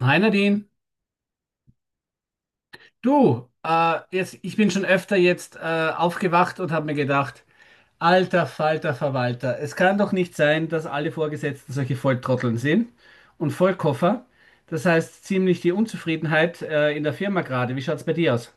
Hi Nadine, du, jetzt, ich bin schon öfter jetzt aufgewacht und habe mir gedacht, alter Falter Verwalter, es kann doch nicht sein, dass alle Vorgesetzten solche Volltrotteln sind und Vollkoffer. Das heißt ziemlich die Unzufriedenheit in der Firma gerade. Wie schaut's bei dir aus?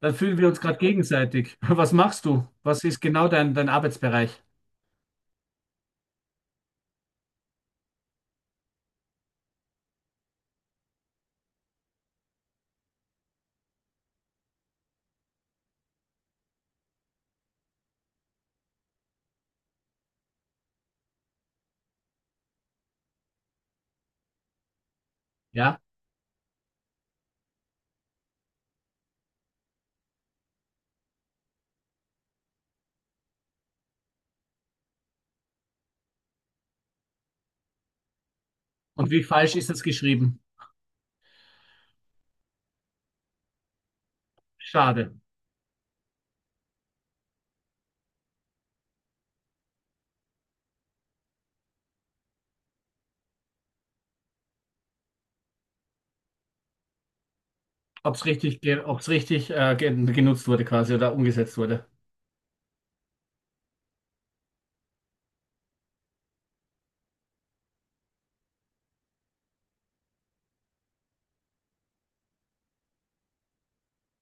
Dann fühlen wir uns gerade gegenseitig. Was machst du? Was ist genau dein Arbeitsbereich? Ja? Und wie falsch ist das geschrieben? Schade. Ob es richtig, ob's richtig genutzt wurde quasi oder umgesetzt wurde.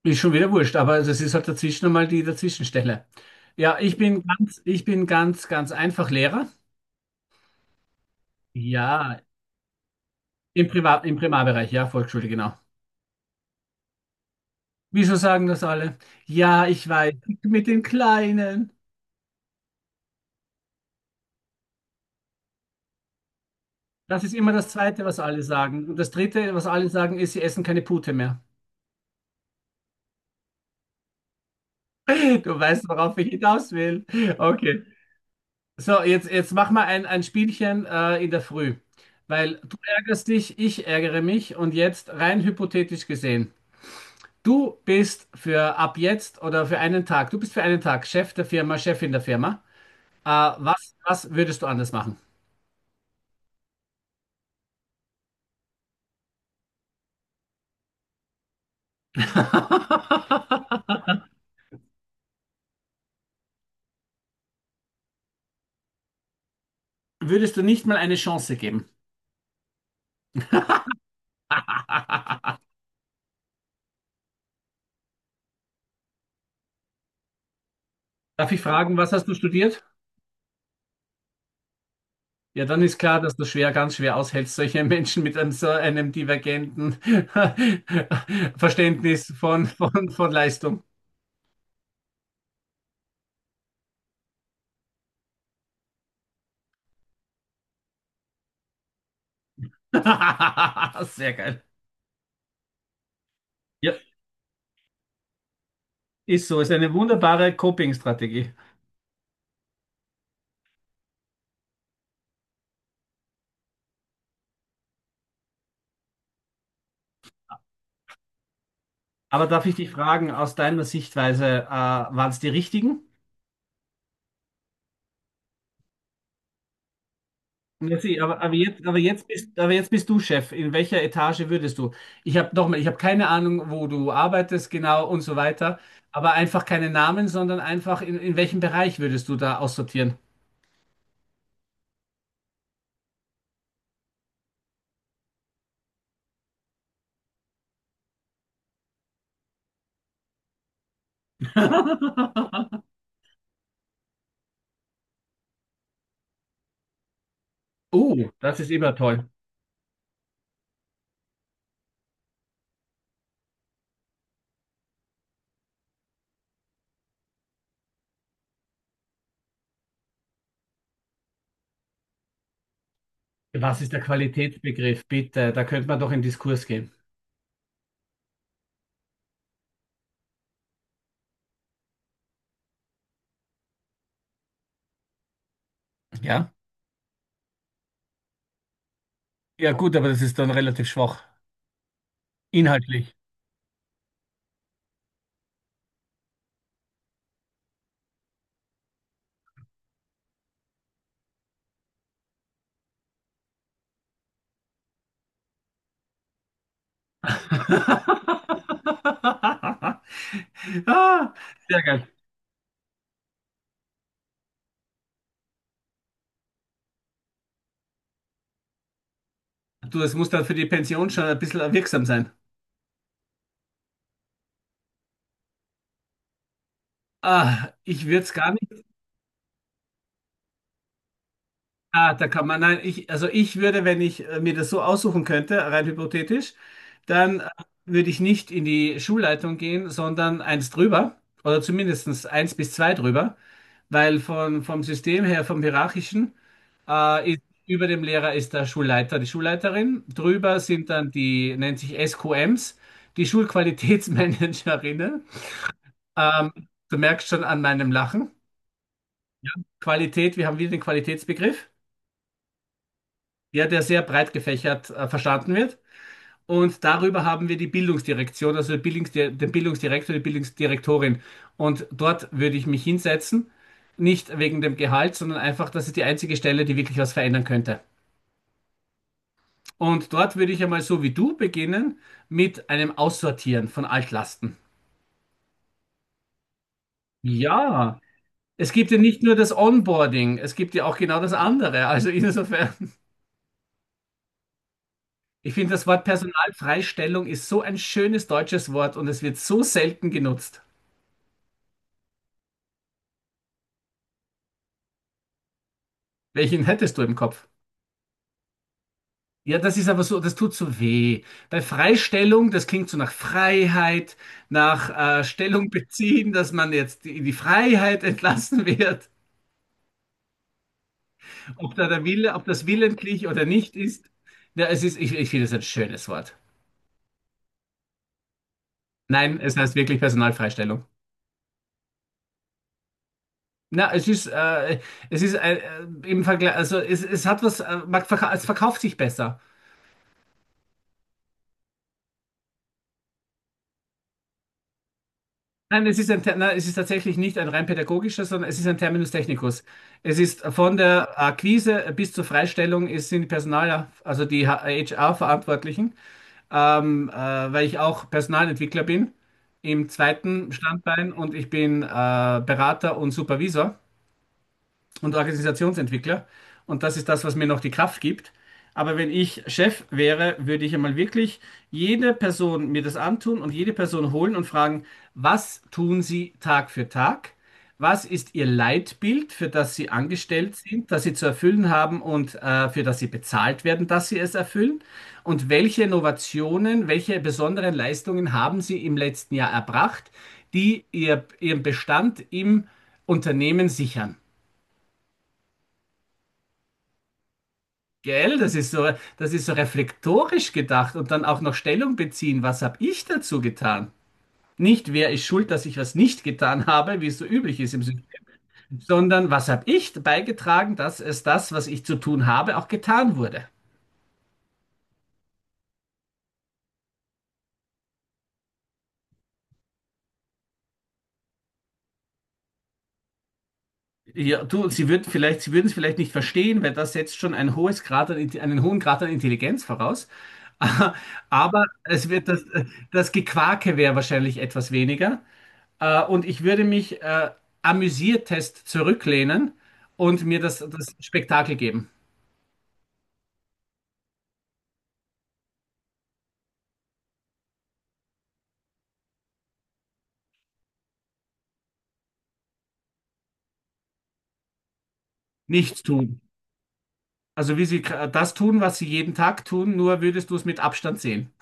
Ist schon wieder wurscht, aber das ist halt dazwischen nochmal die Dazwischenstelle. Ja, ich bin ganz einfach Lehrer. Ja, im Primarbereich, ja, Volksschule, genau. Wieso sagen das alle? Ja, ich weiß, mit den Kleinen. Das ist immer das Zweite, was alle sagen. Und das Dritte, was alle sagen, ist, sie essen keine Pute mehr. Du weißt, worauf ich hinaus will. Okay. So, jetzt mach mal ein Spielchen in der Früh. Weil du ärgerst dich, ich ärgere mich und jetzt rein hypothetisch gesehen. Du bist für ab jetzt oder für einen Tag, du bist für einen Tag Chef der Firma, Chefin der Firma. Was würdest du anders machen? Würdest du nicht mal eine Chance geben? Darf ich fragen, was hast du studiert? Ja, dann ist klar, dass du schwer, ganz schwer aushältst, solche Menschen mit einem so einem divergenten Verständnis von Leistung. Sehr geil. Ja, ist so, ist eine wunderbare Coping-Strategie. Aber darf ich dich fragen, aus deiner Sichtweise, waren es die richtigen? Ja, sie, aber jetzt bist du Chef. In welcher Etage würdest du? Ich habe nochmal, ich habe keine Ahnung, wo du arbeitest genau und so weiter. Aber einfach keine Namen, sondern einfach in welchem Bereich würdest du da aussortieren? Oh, das ist immer toll. Was ist der Qualitätsbegriff? Bitte, da könnte man doch in Diskurs gehen. Ja? Ja, gut, aber das ist dann relativ schwach. Inhaltlich. Ah, sehr geil. Du, es muss dann für die Pension schon ein bisschen wirksam sein. Ah, ich würde es gar ah, da kann man, nein, ich, also ich würde, wenn ich mir das so aussuchen könnte, rein hypothetisch, dann würde ich nicht in die Schulleitung gehen, sondern eins drüber oder zumindestens eins bis zwei drüber, weil vom System her, vom Hierarchischen, ist, über dem Lehrer ist der Schulleiter, die Schulleiterin, drüber sind dann die, nennt sich SQMs, die Schulqualitätsmanagerinnen. Ähm, du merkst schon an meinem Lachen. Qualität, wir haben wieder den Qualitätsbegriff, ja, der sehr breit gefächert verstanden wird. Und darüber haben wir die Bildungsdirektion, also die Bildungsdi den Bildungsdirektor, die Bildungsdirektorin. Und dort würde ich mich hinsetzen, nicht wegen dem Gehalt, sondern einfach, das ist die einzige Stelle, die wirklich was verändern könnte. Und dort würde ich einmal so wie du beginnen mit einem Aussortieren von Altlasten. Ja, es gibt ja nicht nur das Onboarding, es gibt ja auch genau das andere. Also insofern, ich finde, das Wort Personalfreistellung ist so ein schönes deutsches Wort und es wird so selten genutzt. Welchen hättest du im Kopf? Ja, das ist aber so, das tut so weh. Bei Freistellung, das klingt so nach Freiheit, nach Stellung beziehen, dass man jetzt in die Freiheit entlassen wird. Ob da der Wille, ob das willentlich oder nicht ist. Ja, es ist, ich finde es ein schönes Wort. Nein, es heißt wirklich Personalfreistellung. Na, es ist im Vergleich, also es hat was, es verkauft sich besser. Nein, es ist nein, es ist tatsächlich nicht ein rein pädagogischer, sondern es ist ein Terminus technicus. Es ist von der Akquise bis zur Freistellung, es sind die Personal, also die HR-Verantwortlichen, ähm, äh, weil ich auch Personalentwickler bin im zweiten Standbein und ich bin Berater und Supervisor und Organisationsentwickler. Und das ist das, was mir noch die Kraft gibt. Aber wenn ich Chef wäre, würde ich einmal wirklich jede Person mir das antun und jede Person holen und fragen, was tun Sie Tag für Tag? Was ist Ihr Leitbild, für das Sie angestellt sind, das Sie zu erfüllen haben und für das Sie bezahlt werden, dass Sie es erfüllen? Und welche Innovationen, welche besonderen Leistungen haben Sie im letzten Jahr erbracht, die Ihren Bestand im Unternehmen sichern? Gell, das ist so reflektorisch gedacht und dann auch noch Stellung beziehen. Was habe ich dazu getan? Nicht, wer ist schuld, dass ich was nicht getan habe, wie es so üblich ist im System, sondern was habe ich beigetragen, dass es das, was ich zu tun habe, auch getan wurde? Ja, du, sie würden es vielleicht nicht verstehen, weil das setzt schon einen hohen Grad an Intelligenz voraus. Aber es wird das, das Gequake wäre wahrscheinlich etwas weniger. Und ich würde mich amüsiertest zurücklehnen und mir das Spektakel geben. Nichts tun. Also wie sie das tun, was sie jeden Tag tun, nur würdest du es mit Abstand sehen.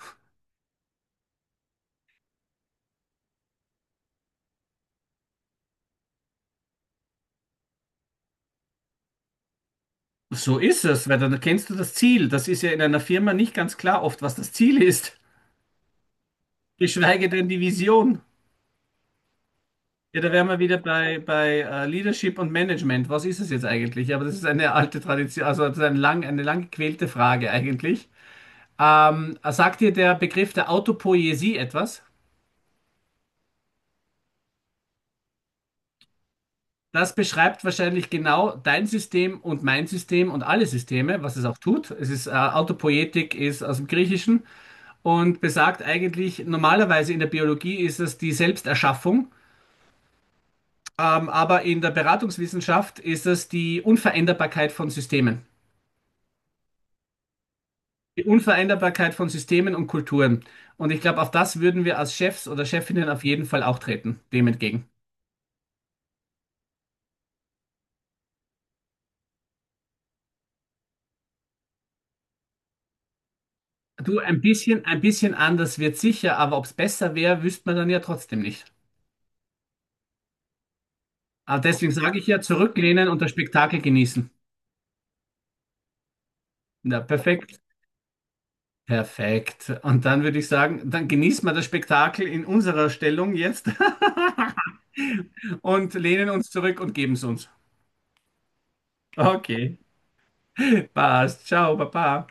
So ist es, weil dann kennst du das Ziel. Das ist ja in einer Firma nicht ganz klar oft, was das Ziel ist. Geschweige denn die Vision. Ja, da wären wir wieder bei Leadership und Management. Was ist es jetzt eigentlich? Ja, aber das ist eine alte Tradition, also das ist eine lang gequälte Frage eigentlich. Sagt dir der Begriff der Autopoiesie etwas? Das beschreibt wahrscheinlich genau dein System und mein System und alle Systeme, was es auch tut. Autopoietik ist aus dem Griechischen und besagt eigentlich, normalerweise in der Biologie ist es die Selbsterschaffung, aber in der Beratungswissenschaft ist es die Unveränderbarkeit von Systemen. Die Unvereinbarkeit von Systemen und Kulturen. Und ich glaube, auf das würden wir als Chefs oder Chefinnen auf jeden Fall auch treten, dem entgegen. Du, ein bisschen anders wird sicher, aber ob es besser wäre, wüsste man dann ja trotzdem nicht. Aber deswegen sage ich ja, zurücklehnen und das Spektakel genießen. Na, perfekt. Perfekt. Und dann würde ich sagen, dann genießen wir das Spektakel in unserer Stellung jetzt und lehnen uns zurück und geben es uns. Okay. Passt. Ciao, Baba.